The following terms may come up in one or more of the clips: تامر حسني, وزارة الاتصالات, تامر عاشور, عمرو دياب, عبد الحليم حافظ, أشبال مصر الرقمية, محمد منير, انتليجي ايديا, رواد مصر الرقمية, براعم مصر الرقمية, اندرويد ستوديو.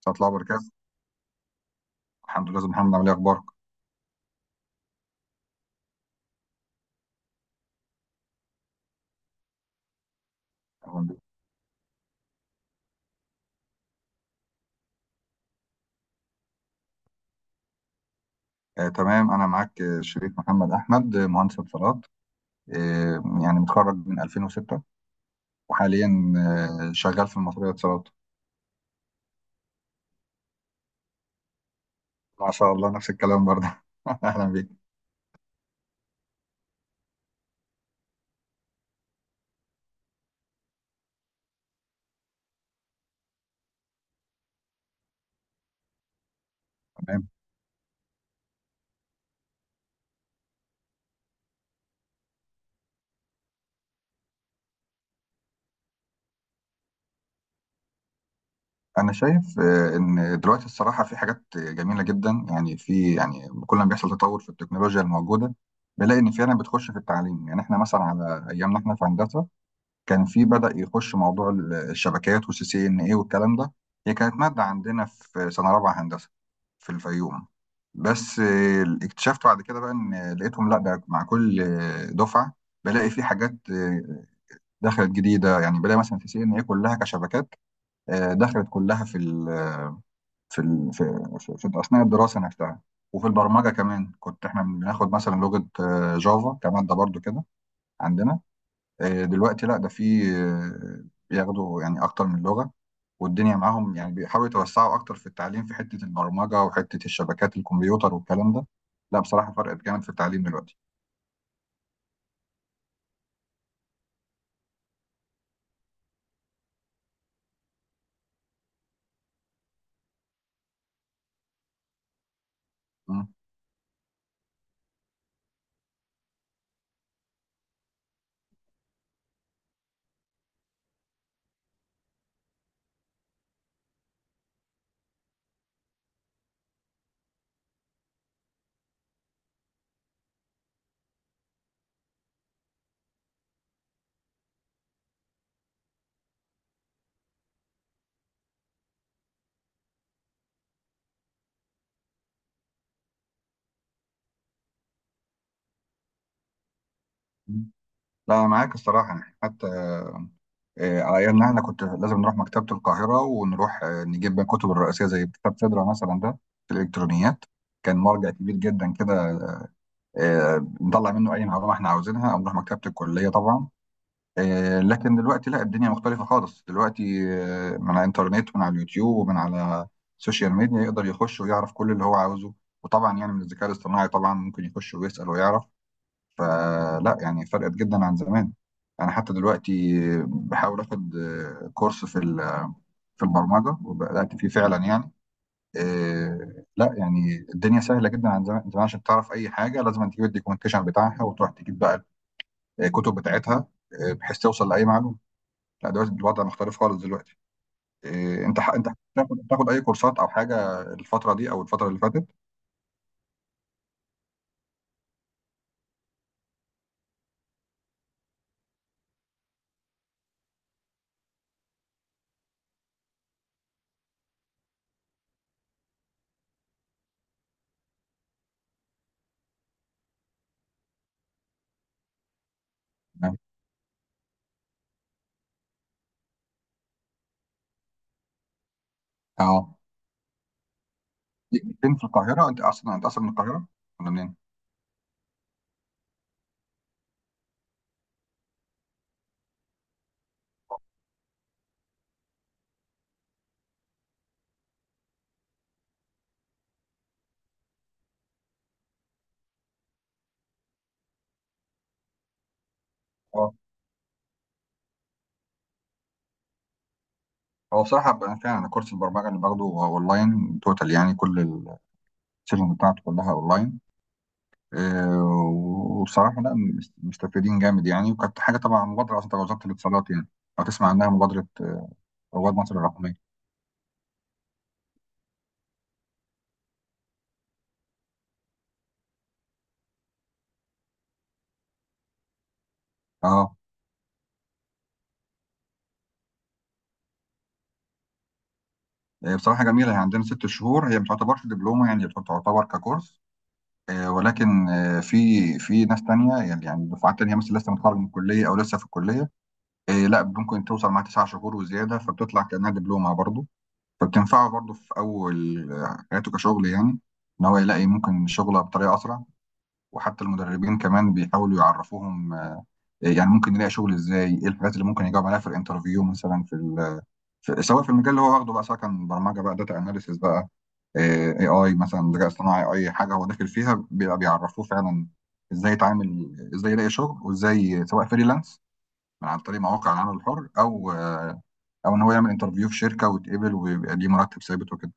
ورحمة الله وبركاته. الحمد لله أستاذ محمد، عامل إيه أخبارك؟ الحمد لله. تمام، أنا معاك، شريك محمد أحمد، مهندس اتصالات. يعني متخرج من 2006، وحاليا شغال في المطرية اتصالات. ما شاء الله نفس الكلام برضه. أهلا بيك. تمام. أنا شايف إن دلوقتي الصراحة في حاجات جميلة جدا، يعني في يعني كل ما بيحصل تطور في التكنولوجيا الموجودة، بنلاقي إن فعلا بتخش في التعليم. يعني إحنا مثلا على أيامنا، إحنا في هندسة كان في بدأ يخش موضوع الشبكات والسي سي ان اي والكلام ده. هي كانت مادة عندنا في سنة رابعة هندسة في الفيوم. بس اكتشفت بعد كده بقى ان لقيتهم، لا ده مع كل دفعة بلاقي في حاجات دخلت جديدة. يعني بلاقي مثلا سي سي ان اي كلها كشبكات دخلت كلها في ال في ال في, في, في أثناء الدراسة نفسها. وفي البرمجة كمان كنت احنا بناخد مثلا لغة جافا كمادة برضو كده عندنا. دلوقتي لا ده في بياخدوا يعني اكتر من لغة، والدنيا معاهم، يعني بيحاولوا يتوسعوا اكتر في التعليم في حتة البرمجة وحتة الشبكات الكمبيوتر والكلام ده. لا بصراحة فرقت جامد في التعليم دلوقتي. مم. مم. لا أنا معاك الصراحة، يعني حتى على أيامنا، إحنا كنت لازم نروح مكتبة القاهرة، ونروح نجيب بقى الكتب الرئيسية، زي كتاب سدرة مثلا ده في الإلكترونيات. كان مرجع كبير جدا كده. نطلع منه أي معلومة إحنا عاوزينها، أو نروح مكتبة الكلية طبعا. لكن دلوقتي لا، الدنيا مختلفة خالص دلوقتي. من على الإنترنت ومن على اليوتيوب ومن على السوشيال ميديا يقدر يخش ويعرف كل اللي هو عاوزه. وطبعا يعني من الذكاء الاصطناعي طبعا ممكن يخش ويسأل ويعرف. فلا يعني فرقت جدا عن زمان. أنا حتى دلوقتي بحاول آخد كورس في في البرمجة، وبدأت فيه فعلا يعني. لا يعني الدنيا سهلة جدا عن زمان. زمان عشان تعرف أي حاجة، لازم تجيب الدوكيومنتيشن بتاعها وتروح تجيب بقى الكتب بتاعتها، بحيث توصل لأي معلومة. لا دلوقتي الوضع مختلف خالص دلوقتي. إيه، انت بتاخد اي كورسات او حاجه الفتره دي او الفتره اللي فاتت؟ نعم. اه، ليك فين في القاهره؟ انت اصلا من القاهره ولا منين؟ اه، هو بصراحه بقى فعلا، أنا كورس البرمجه اللي باخده هو اونلاين توتال، يعني كل السيشن بتاعته كلها اونلاين. إيه، وبصراحه لا مستفيدين جامد يعني، وكانت حاجه طبعا، مبادره اصلا تبع وزاره الاتصالات يعني. لو تسمع عنها مبادره رواد مصر الرقميه. اه. إيه بصراحه جميله، هي عندنا 6 شهور، هي ما تعتبرش دبلومه يعني تعتبر ككورس. ولكن في ناس تانية، يعني دفعات تانية، مثلا لسه متخرج من الكلية أو لسه في الكلية. لا، ممكن توصل مع 9 شهور وزيادة، فبتطلع كأنها دبلومة برضه. فبتنفعه برضه في أول حياته كشغل يعني، إن هو يلاقي ممكن شغله بطريقة أسرع. وحتى المدربين كمان بيحاولوا يعرفوهم يعني ممكن يلاقي شغل إزاي، إيه الحاجات اللي ممكن يجاوب عليها في الانترفيو مثلا في، سواء في المجال اللي هو واخده بقى، سواء كان برمجة بقى، داتا أناليسيس بقى، اي مثلا ذكاء اصطناعي، اي حاجه هو داخل فيها بيبقى بيعرفوه فعلا ازاي يتعامل، ازاي يلاقي شغل، وازاي، سواء فريلانس من عن طريق مواقع العمل الحر، او ان هو يعمل انترفيو في شركه ويتقبل ويبقى ليه مرتب ثابت وكده.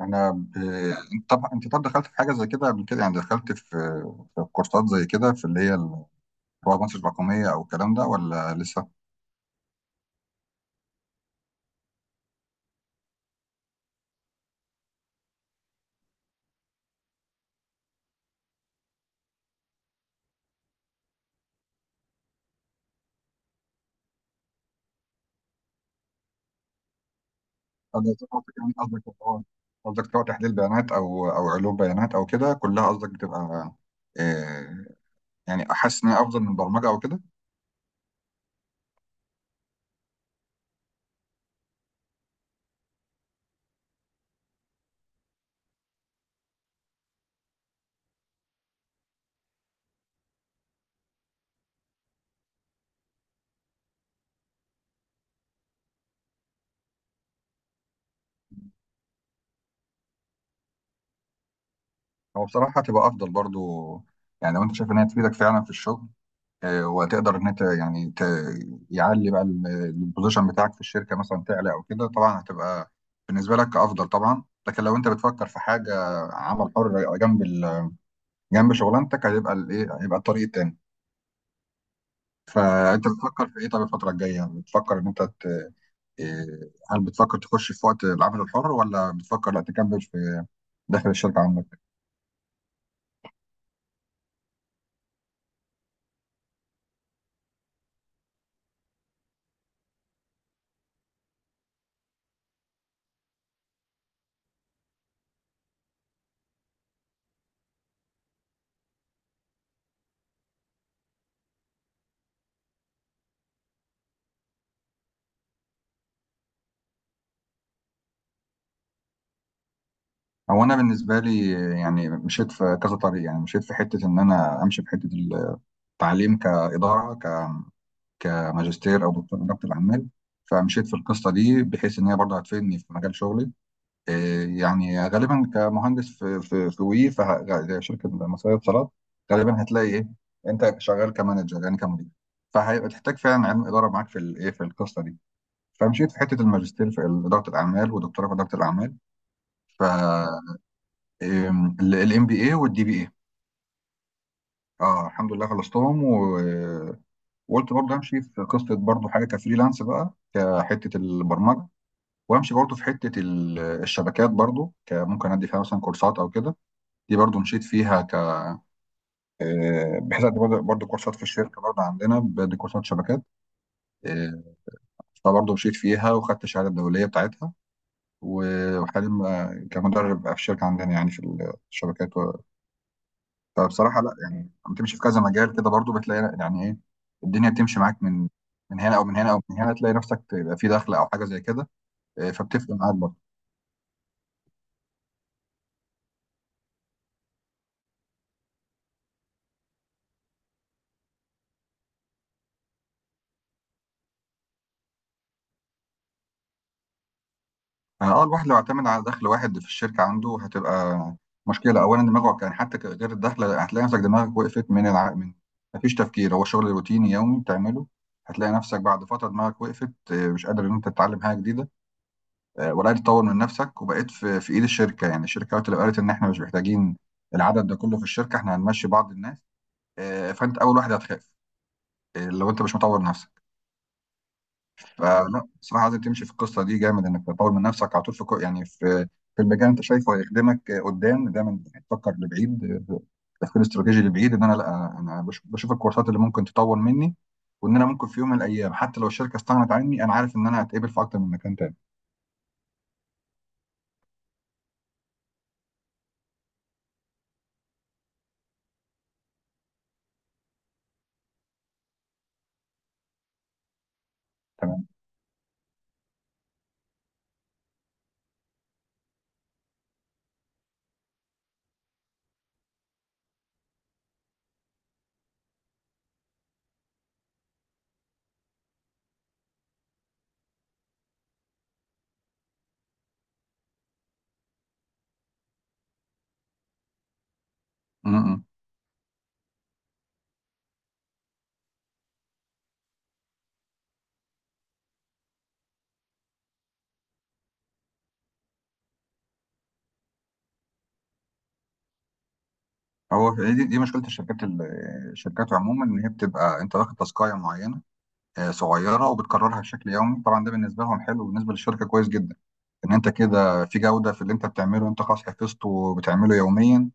انا ب... انت طب دخلت في حاجه زي كده قبل كده، يعني دخلت في كورسات زي كده في اللي هي ال- رواد مصر الرقميه او الكلام ده ولا لسه؟ قصدك يعني قصدك هو- قصدك سواء تحليل بيانات او علوم بيانات او كده كلها، قصدك بتبقى آه، يعني احس ان هي افضل من البرمجه او كده. هو بصراحه هتبقى افضل برضو، يعني لو انت شايف ان هي تفيدك فعلا في الشغل، وهتقدر ان انت يعني يعلي بقى البوزيشن بتاعك في الشركه مثلا تعلى او كده، طبعا هتبقى بالنسبه لك افضل طبعا. لكن لو انت بتفكر في حاجه عمل حر جنب شغلانتك، هيبقى الايه، هيبقى الطريق التاني. فانت بتفكر في ايه؟ طب الفتره الجايه بتفكر ان انت هل بتفكر تخش في وقت العمل الحر، ولا بتفكر لا تكمل في داخل الشركه عندك؟ هو انا بالنسبه لي، يعني مشيت في كذا طريق، يعني مشيت في حته ان انا امشي في حته التعليم كاداره، كماجستير او دكتور اداره الاعمال. فمشيت في القصه دي بحيث ان هي برضه هتفيدني في مجال شغلي. إيه يعني غالبا كمهندس في وي في شركه مصريه اتصالات، غالبا هتلاقي ايه، انت شغال كمانجر يعني كمدير، فهيبقى تحتاج فعلا علم اداره معاك في القصه دي. فمشيت في حته الماجستير في اداره الاعمال، ودكتوراه في اداره الاعمال. ف الام بي اي والدي بي اي. اه الحمد لله خلصتهم، وقلت برضه امشي في قصه برضه حاجه كفريلانس بقى، كحته البرمجه، وامشي برضه في حته الشبكات برضه، كممكن ادي فيها مثلا كورسات او كده. دي برضه مشيت فيها بحيث ادي برضه كورسات في الشركه برضه عندنا، بدي كورسات شبكات. آه، فبرضه مشيت فيها وخدت الشهاده الدوليه بتاعتها. وحاليا بقى كمدرب بقى في الشركه عندنا يعني في الشبكات. فبصراحه لا يعني، لما تمشي في كذا مجال كده برضو بتلاقي يعني ايه، الدنيا بتمشي معاك من هنا او من هنا او من هنا، تلاقي نفسك تبقى في دخل او حاجه زي كده. فبتفرق معاك برضو. اه. الواحد لو اعتمد على دخل واحد في الشركه عنده هتبقى مشكله، اولا دماغه كان حتى غير الدخل هتلاقي نفسك دماغك وقفت من، مفيش تفكير، هو شغل روتيني يومي بتعمله. هتلاقي نفسك بعد فتره دماغك وقفت، مش قادر ان انت تتعلم حاجه جديده، وبدات تطور من نفسك، وبقيت في ايد الشركه. يعني الشركه وقت اللي قالت ان احنا مش محتاجين العدد ده كله في الشركه، احنا هنمشي بعض الناس، فانت اول واحد هتخاف، لو انت مش مطور نفسك. فلا بصراحه لازم تمشي في القصه دي جامد، انك تطور من نفسك على طول في يعني في المجال انت شايفه هيخدمك قدام دايما، تفكر لبعيد، آه، تفكير استراتيجي لبعيد، ان انا لا انا بش- بشوف الكورسات اللي ممكن تطور مني، وان انا ممكن في يوم من الايام، حتى لو الشركه استغنت عني، انا عارف ان انا هتقبل في اكتر من مكان تاني. تمام. م- م. هو دي مشكله الشركات، الشركات عموما ان هي بتبقى انت واخد تاسكايه معينه، صغيره وبتكررها بشكل يومي. طبعا ده بالنسبه لهم حلو، بالنسبه للشركه كويس جدا، ان انت كده في جوده في اللي انت بتعمله، انت خلاص حفظته وبتعمله يوميا.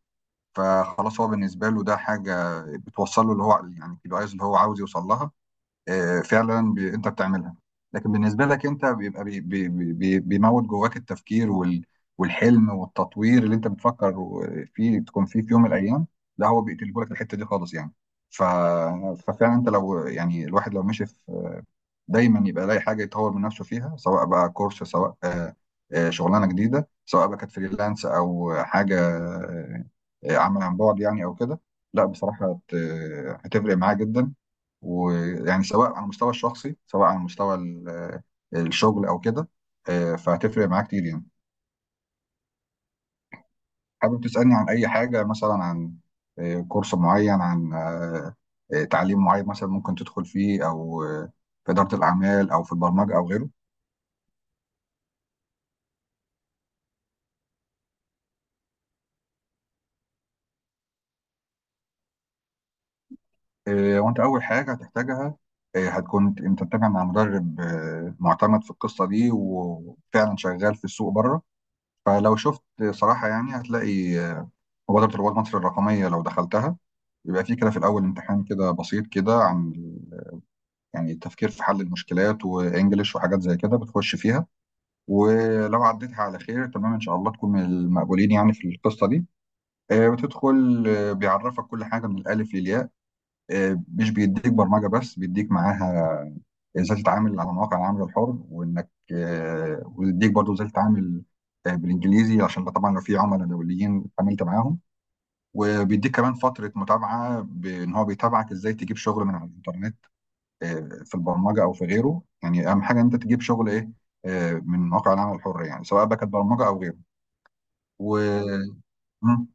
فخلاص هو بالنسبه له ده حاجه بتوصل له اللي هو يعني الكي بي ايز اللي هو عاوز يوصل لها، فعلا انت بتعملها. لكن بالنسبه لك انت بيبقى بي... بي... بي... بيموت جواك التفكير والحلم والتطوير اللي انت بتفكر فيه تكون فيه في يوم من الايام. لا هو بيقتله لك الحته دي خالص يعني. ف... ففعلا انت لو يعني الواحد لو مشي في، دايما يبقى لاقي حاجه يطور من نفسه فيها، سواء بقى كورس، سواء شغلانه جديده، سواء بقى كانت فريلانس او حاجه عمل عن بعد يعني او كده. لا بصراحه هتفرق معاه جدا، ويعني سواء على المستوى الشخصي، سواء على مستوى الشغل او كده. فهتفرق معاه كتير يعني. حابب تسالني عن اي حاجه، مثلا عن كورس معين، عن تعليم معين مثلا ممكن تدخل فيه، او في اداره الاعمال او في البرمجه او غيره؟ وانت اول حاجه هتحتاجها، هتكون انت متابع مع مدرب معتمد في القصه دي وفعلا شغال في السوق بره. فلو شفت صراحه يعني هتلاقي مبادره رواد مصر الرقميه، لو دخلتها يبقى في كده في الاول امتحان كده بسيط كده عن يعني التفكير في حل المشكلات، وانجليش، وحاجات زي كده بتخش فيها. ولو عديتها على خير، تمام ان شاء الله تكون من المقبولين يعني في القصه دي. بتدخل، بيعرفك كل حاجه من الالف للياء. مش بيديك برمجه بس، بيديك معاها ازاي تتعامل على مواقع العمل الحر، وانك ويديك برضو ازاي تتعامل بالانجليزي عشان طبعا لو في عملاء دوليين اتعاملت معاهم. وبيديك كمان فتره متابعه بان هو بيتابعك ازاي تجيب شغل من على الانترنت، في البرمجه او في غيره. يعني اهم حاجه إن انت تجيب شغل ايه، من مواقع العمل الحر يعني، سواء بقى كانت برمجه او غيره. و مم.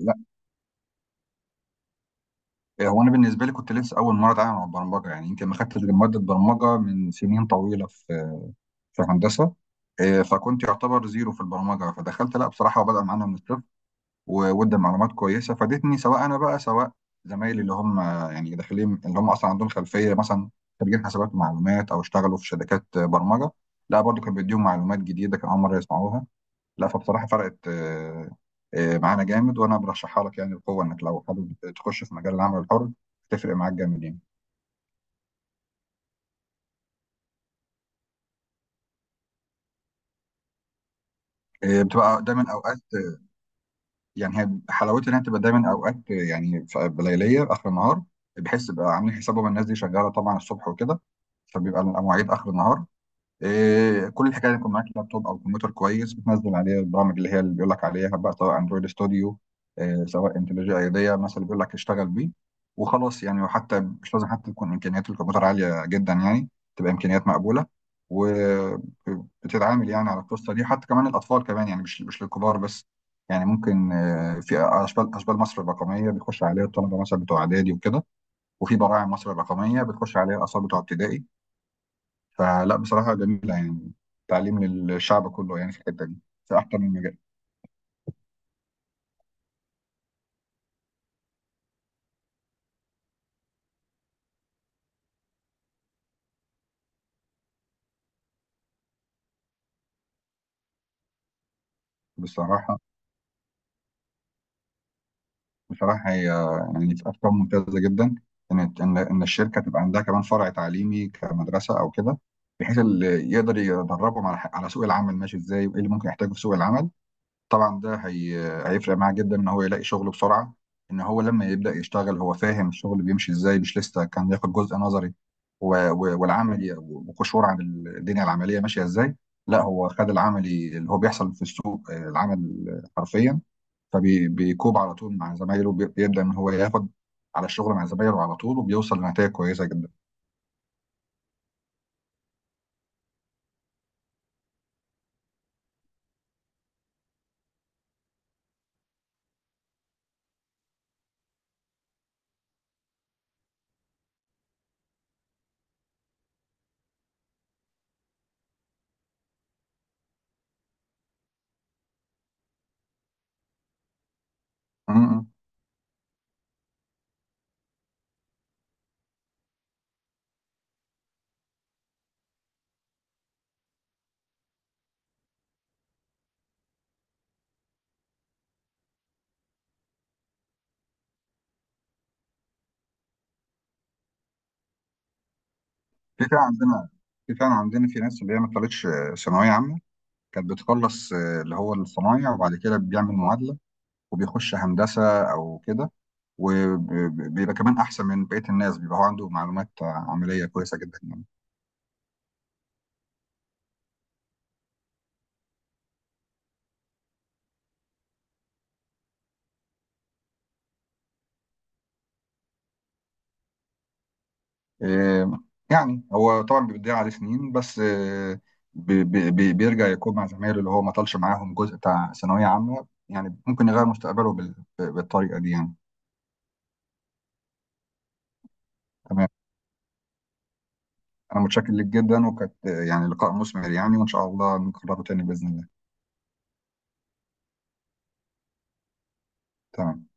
لا هو انا بالنسبه لي كنت لسه اول مره اتعامل مع البرمجه، يعني يمكن ما خدتش غير ماده برمجه من سنين طويله في هندسه. فكنت يعتبر زيرو في البرمجه، فدخلت لا بصراحه وبدأ معانا من الصفر. وودي معلومات كويسه فادتني، سواء انا بقى سواء زمايلي اللي هم يعني داخلين، اللي هم اصلا عندهم خلفيه، مثلا خريجين حسابات ومعلومات او اشتغلوا في شركات برمجه. لا برضو كان بيديهم معلومات جديده كان اول مره يسمعوها. لا فبصراحه فرقت معانا جامد، وانا برشحها لك يعني بقوه، انك لو حابب تخش في مجال العمل الحر تفرق معاك جامد يعني. بتبقى دايما اوقات، يعني هي حلاوتها انها تبقى دايما اوقات، يعني بليليه اخر النهار، بحيث يبقى عاملين حسابهم الناس دي شغاله طبعا الصبح وكده، فبيبقى المواعيد اخر النهار. إيه، كل الحكايه يكون معاك لابتوب او كمبيوتر كويس بتنزل عليه البرامج اللي بيقول لك عليها بقى، سواء اندرويد ستوديو، إيه، سواء انتليجي ايديا مثلا بيقول لك اشتغل بيه. وخلاص يعني، وحتى مش لازم حتى تكون امكانيات الكمبيوتر عاليه جدا يعني، تبقى امكانيات مقبوله. وبتتعامل يعني على القصه دي، حتى كمان الاطفال كمان يعني مش للكبار بس. يعني ممكن في اشبال مصر الرقميه بيخش عليها الطلبه مثلا بتوع اعدادي وكده. وفي براعم مصر الرقميه بتخش عليها الاطفال بتوع ابتدائي. فلا بصراحة جميلة يعني، تعليم للشعب كله يعني في الحتة دي، في أكتر من مجال. بصراحة. هي يعني في أفكار ممتازة جدا، إن الشركة تبقى عندها كمان فرع تعليمي كمدرسة أو كده، بحيث اللي يقدر يدربهم على على سوق العمل ماشي إزاي، وإيه اللي ممكن يحتاجه في سوق العمل. طبعا ده هيفرق معاه جدا ان هو يلاقي شغل بسرعه، ان هو لما يبدا يشتغل هو فاهم الشغل بيمشي ازاي، مش لسه كان ياخد جزء نظري والعملي وقشور عن الدنيا العمليه ماشيه ازاي. لا هو خد العملي اللي هو بيحصل في السوق، العمل حرفيا. فبيكوب على طول مع زمايله، بيبدا ان هو ياخد على الشغل مع زمايله على طول، وبيوصل لنتائج كويسه جدا. م- م. في فعلا عندنا في فعلا عندنا في ناس اللي هي ما طلعتش ثانويه عامه، كانت بتخلص اللي هو الصنايع، وبعد كده بيعمل معادلة وبيخش هندسة أو كده. وبيبقى كمان أحسن من بقية الناس، بيبقى هو عنده معلومات عملية كويسة جدا يعني. آه، يعني هو طبعا بيضيع عليه سنين بس بيرجع يكون مع زمايله اللي هو ما طالش معاهم جزء بتاع ثانوية عامة، يعني ممكن يغير مستقبله بالطريقة دي يعني. تمام. أنا متشكر لك جدا، وكانت يعني لقاء مثمر يعني، وإن شاء الله نكرره تاني بإذن الله. تمام.